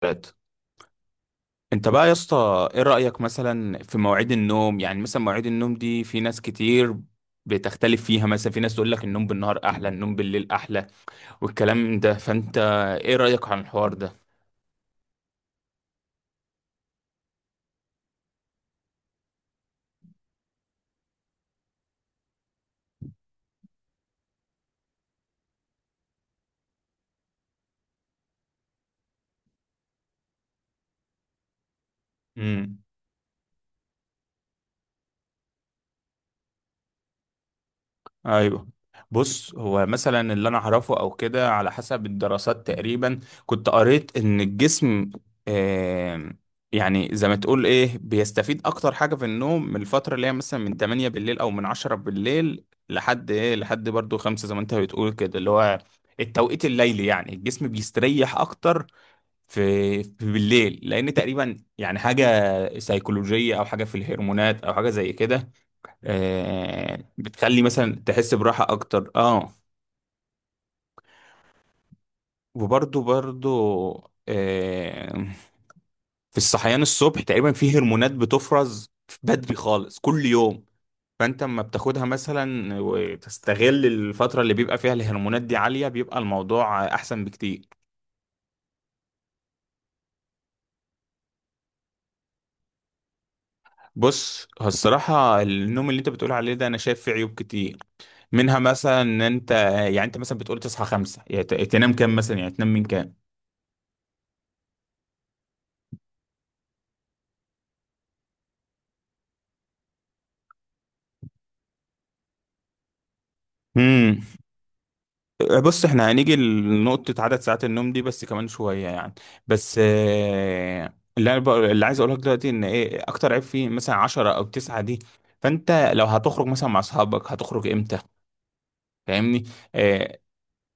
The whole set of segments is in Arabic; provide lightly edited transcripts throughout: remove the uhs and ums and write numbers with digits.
ثلاث. انت بقى يا اسطى، ايه رأيك مثلا في مواعيد النوم؟ يعني مثلا مواعيد النوم دي في ناس كتير بتختلف فيها. مثلا في ناس تقول لك النوم بالنهار احلى، النوم بالليل احلى، والكلام ده. فانت ايه رأيك عن الحوار ده؟ امم، ايوه. بص، هو مثلا اللي انا اعرفه او كده، على حسب الدراسات تقريبا، كنت قريت ان الجسم، آم، يعني زي ما تقول ايه، بيستفيد اكتر حاجه في النوم من الفتره اللي هي مثلا من 8 بالليل او من 10 بالليل لحد ايه، لحد برضو 5، زي ما انت بتقول كده، اللي هو التوقيت الليلي. يعني الجسم بيستريح اكتر في بالليل، لان تقريبا يعني حاجه سيكولوجيه، او حاجه في الهرمونات، او حاجه زي كده، آه، بتخلي مثلا تحس براحة أكتر، اه. وبرضو آه، في الصحيان الصبح تقريبا في هرمونات بتفرز بدري خالص كل يوم. فأنت لما بتاخدها مثلا وتستغل الفترة اللي بيبقى فيها الهرمونات دي عالية، بيبقى الموضوع أحسن بكتير. بص، هو الصراحة النوم اللي انت بتقول عليه ده انا شايف فيه عيوب كتير. منها مثلا ان انت، يعني انت مثلا بتقول تصحى خمسة، يعني تنام كام مثلا؟ يعني تنام من كام؟ مم. بص، احنا هنيجي لنقطة عدد ساعات النوم دي بس كمان شوية يعني. بس آه، اللي عايز اقوله لك دلوقتي ان ايه اكتر عيب فيه، مثلا عشرة او تسعة دي، فانت لو هتخرج مثلا مع اصحابك هتخرج امتى؟ فاهمني؟ آه،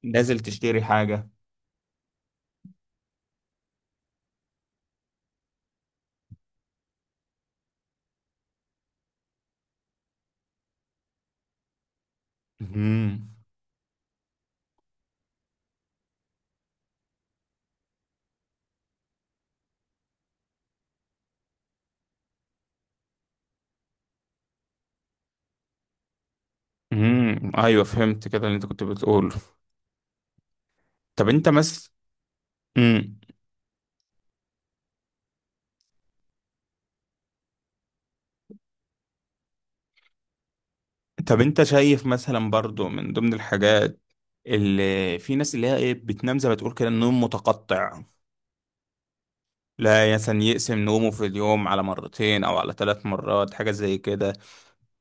نازل تشتري حاجة. مم. مم. ايوه، فهمت كده اللي انت كنت بتقوله. طب انت مس مم. طب انت شايف مثلا، برضو من ضمن الحاجات، اللي في ناس اللي هي ايه بتنام زي ما تقول كده، النوم متقطع؟ لا مثلا يقسم نومه في اليوم على مرتين او على 3 مرات، حاجة زي كده.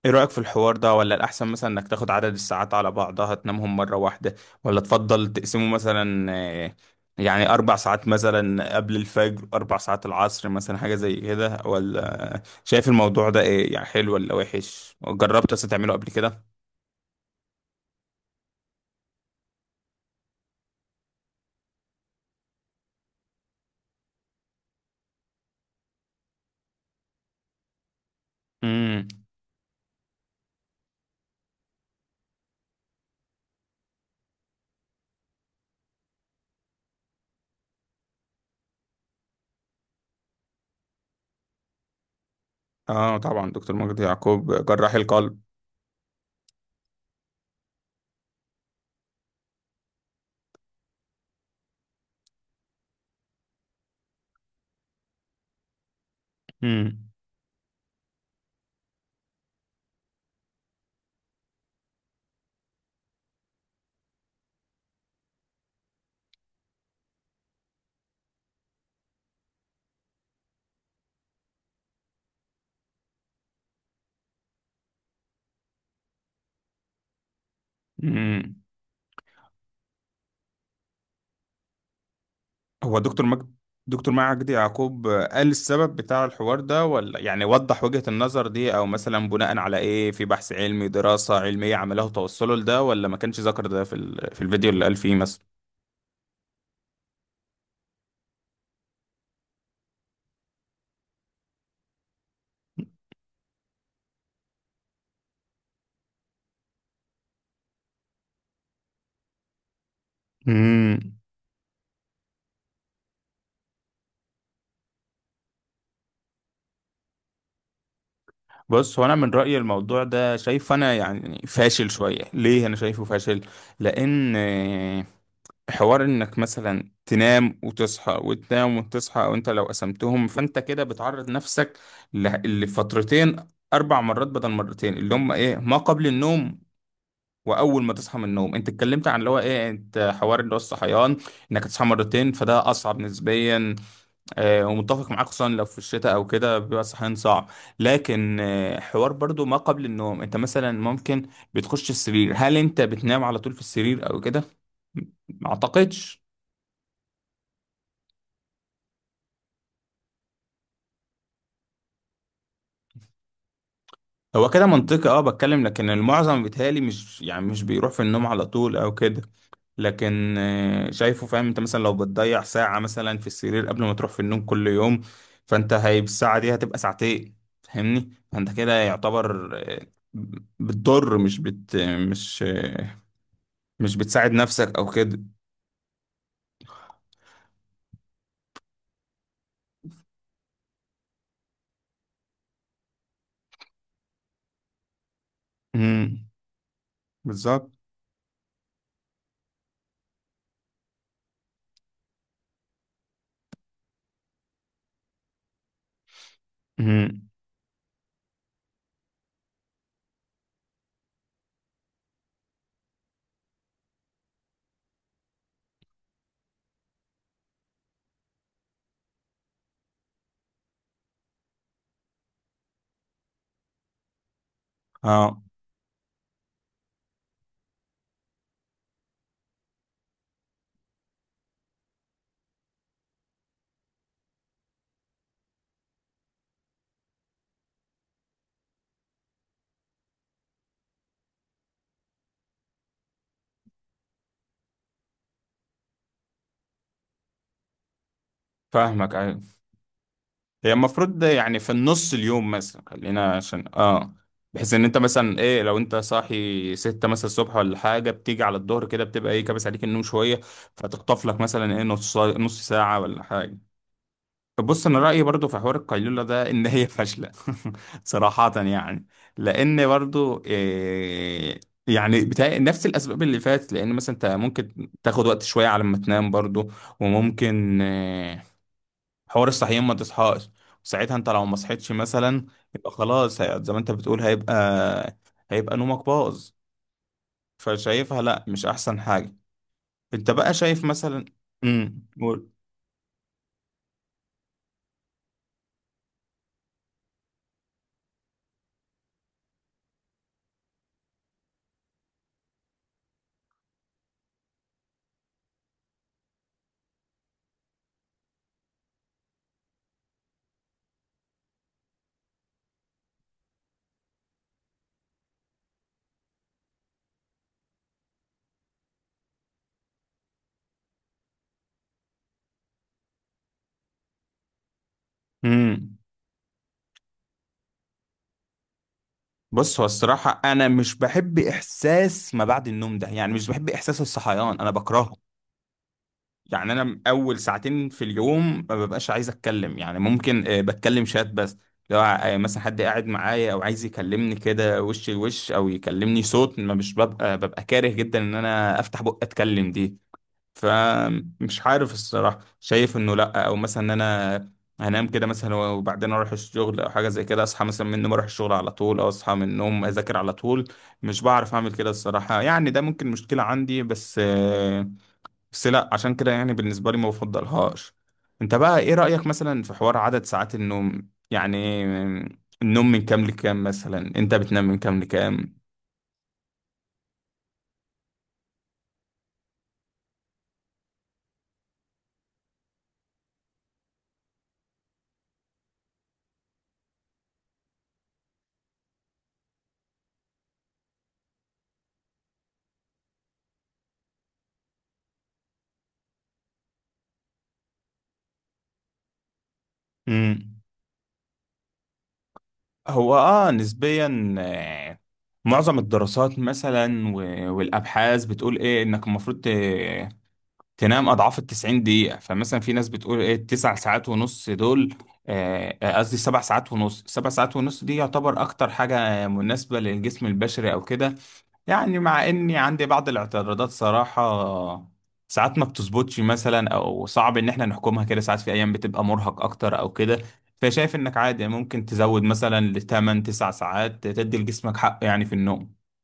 ايه رأيك في الحوار ده، ولا الاحسن مثلا انك تاخد عدد الساعات على بعضها تنامهم مرة واحدة، ولا تفضل تقسمه مثلا؟ آه، يعني 4 ساعات مثلا قبل الفجر، 4 ساعات العصر مثلا، حاجة زي كده. ولا شايف الموضوع ده ايه يعني، حلو ولا وحش؟ جربت اصلا تعمله قبل كده؟ امم. اه طبعا، دكتور مجدي يعقوب جراح القلب. امم. هو دكتور مجدي يعقوب قال السبب بتاع الحوار ده، ولا يعني وضح وجهة النظر دي، او مثلا بناء على ايه، في بحث علمي دراسة علمية عمله توصله لده، ولا ما كانش ذكر ده في في الفيديو اللي قال فيه مثلا؟ امم. بص، هو انا من رايي الموضوع ده شايف انا يعني فاشل شويه. ليه انا شايفه فاشل؟ لان حوار انك مثلا تنام وتصحى وتنام وتصحى، او انت لو قسمتهم فانت كده بتعرض نفسك لفترتين، 4 مرات بدل مرتين، اللي هم ايه ما قبل النوم واول ما تصحى من النوم. انت اتكلمت عن اللي هو ايه، انت حوار اللي هو الصحيان، انك تصحى مرتين، فده اصعب نسبيا، آه، ومتفق معاك، خصوصا لو في الشتاء او كده بيبقى الصحيان صعب. لكن آه، حوار برضو ما قبل النوم، انت مثلا ممكن بتخش السرير، هل انت بتنام على طول في السرير او كده؟ ما اعتقدش. هو كده منطقي، اه بتكلم، لكن المعظم بيتهيألي مش يعني مش بيروح في النوم على طول او كده. لكن آه، شايفه، فاهم؟ انت مثلا لو بتضيع ساعة مثلا في السرير قبل ما تروح في النوم كل يوم، فانت هي الساعة دي هتبقى ساعتين. فاهمني؟ فانت كده يعتبر آه، بتضر، مش بت مش آه، مش بتساعد نفسك او كده. امم، بالظبط. امم، اه فاهمك، أيوة. هي المفروض ده يعني في النص اليوم مثلا، خلينا عشان اه، بحيث ان انت مثلا ايه، لو انت صاحي ستة مثلا الصبح ولا حاجة، بتيجي على الظهر كده بتبقى ايه كابس عليك النوم شوية، فتخطف لك مثلا ايه نص نص ساعة ولا حاجة. بص، انا رأيي برضو في حوار القيلولة ده ان هي فاشلة. صراحة يعني. لان برضو إيه، يعني بتاع نفس الاسباب اللي فاتت، لان مثلا انت ممكن تاخد وقت شويه على ما تنام برضو، وممكن آه، حوار الصحيان ما تصحاش. ساعتها انت لو ما صحيتش مثلا، يبقى خلاص زي ما انت بتقول، هيبقى نومك باظ. فشايفها لا، مش احسن حاجة. انت بقى شايف مثلا. امم، قول. امم. بص، هو الصراحة انا مش بحب احساس ما بعد النوم ده. يعني مش بحب احساس الصحيان، انا بكرهه. يعني انا اول ساعتين في اليوم ما ببقاش عايز اتكلم. يعني ممكن آه، بتكلم شات بس. لو آه، مثلا حد قاعد معايا او عايز يكلمني كده وش لوش او يكلمني صوت، ما مش ببقى كاره جدا ان انا افتح بق اتكلم دي. فمش عارف الصراحة، شايف انه لا. او مثلا ان انا هنام كده مثلا وبعدين اروح الشغل او حاجة زي كده، اصحى مثلا من النوم اروح الشغل على طول، او اصحى من النوم اذاكر على طول، مش بعرف اعمل كده الصراحة يعني. ده ممكن مشكلة عندي، بس آه، بس لا، عشان كده يعني بالنسبة لي ما بفضلهاش. انت بقى ايه رأيك مثلا في حوار عدد ساعات النوم يعني؟ النوم من كام لكام مثلا؟ انت بتنام من كام لكام؟ امم. هو اه نسبيا آه، معظم الدراسات مثلا والابحاث بتقول ايه، انك المفروض تنام اضعاف ال 90 دقيقه. فمثلا في ناس بتقول ايه 9 ساعات ونص، دول آه، قصدي 7 ساعات ونص. 7 ساعات ونص دي يعتبر اكتر حاجه آه، مناسبه للجسم البشري او كده. يعني مع اني عندي بعض الاعتراضات صراحه. ساعات ما بتظبطش مثلا، او صعب ان احنا نحكمها كده. ساعات في ايام بتبقى مرهق اكتر او كده، فشايف انك عادي ممكن تزود مثلا لتمن 9 ساعات تدي لجسمك حق يعني في النوم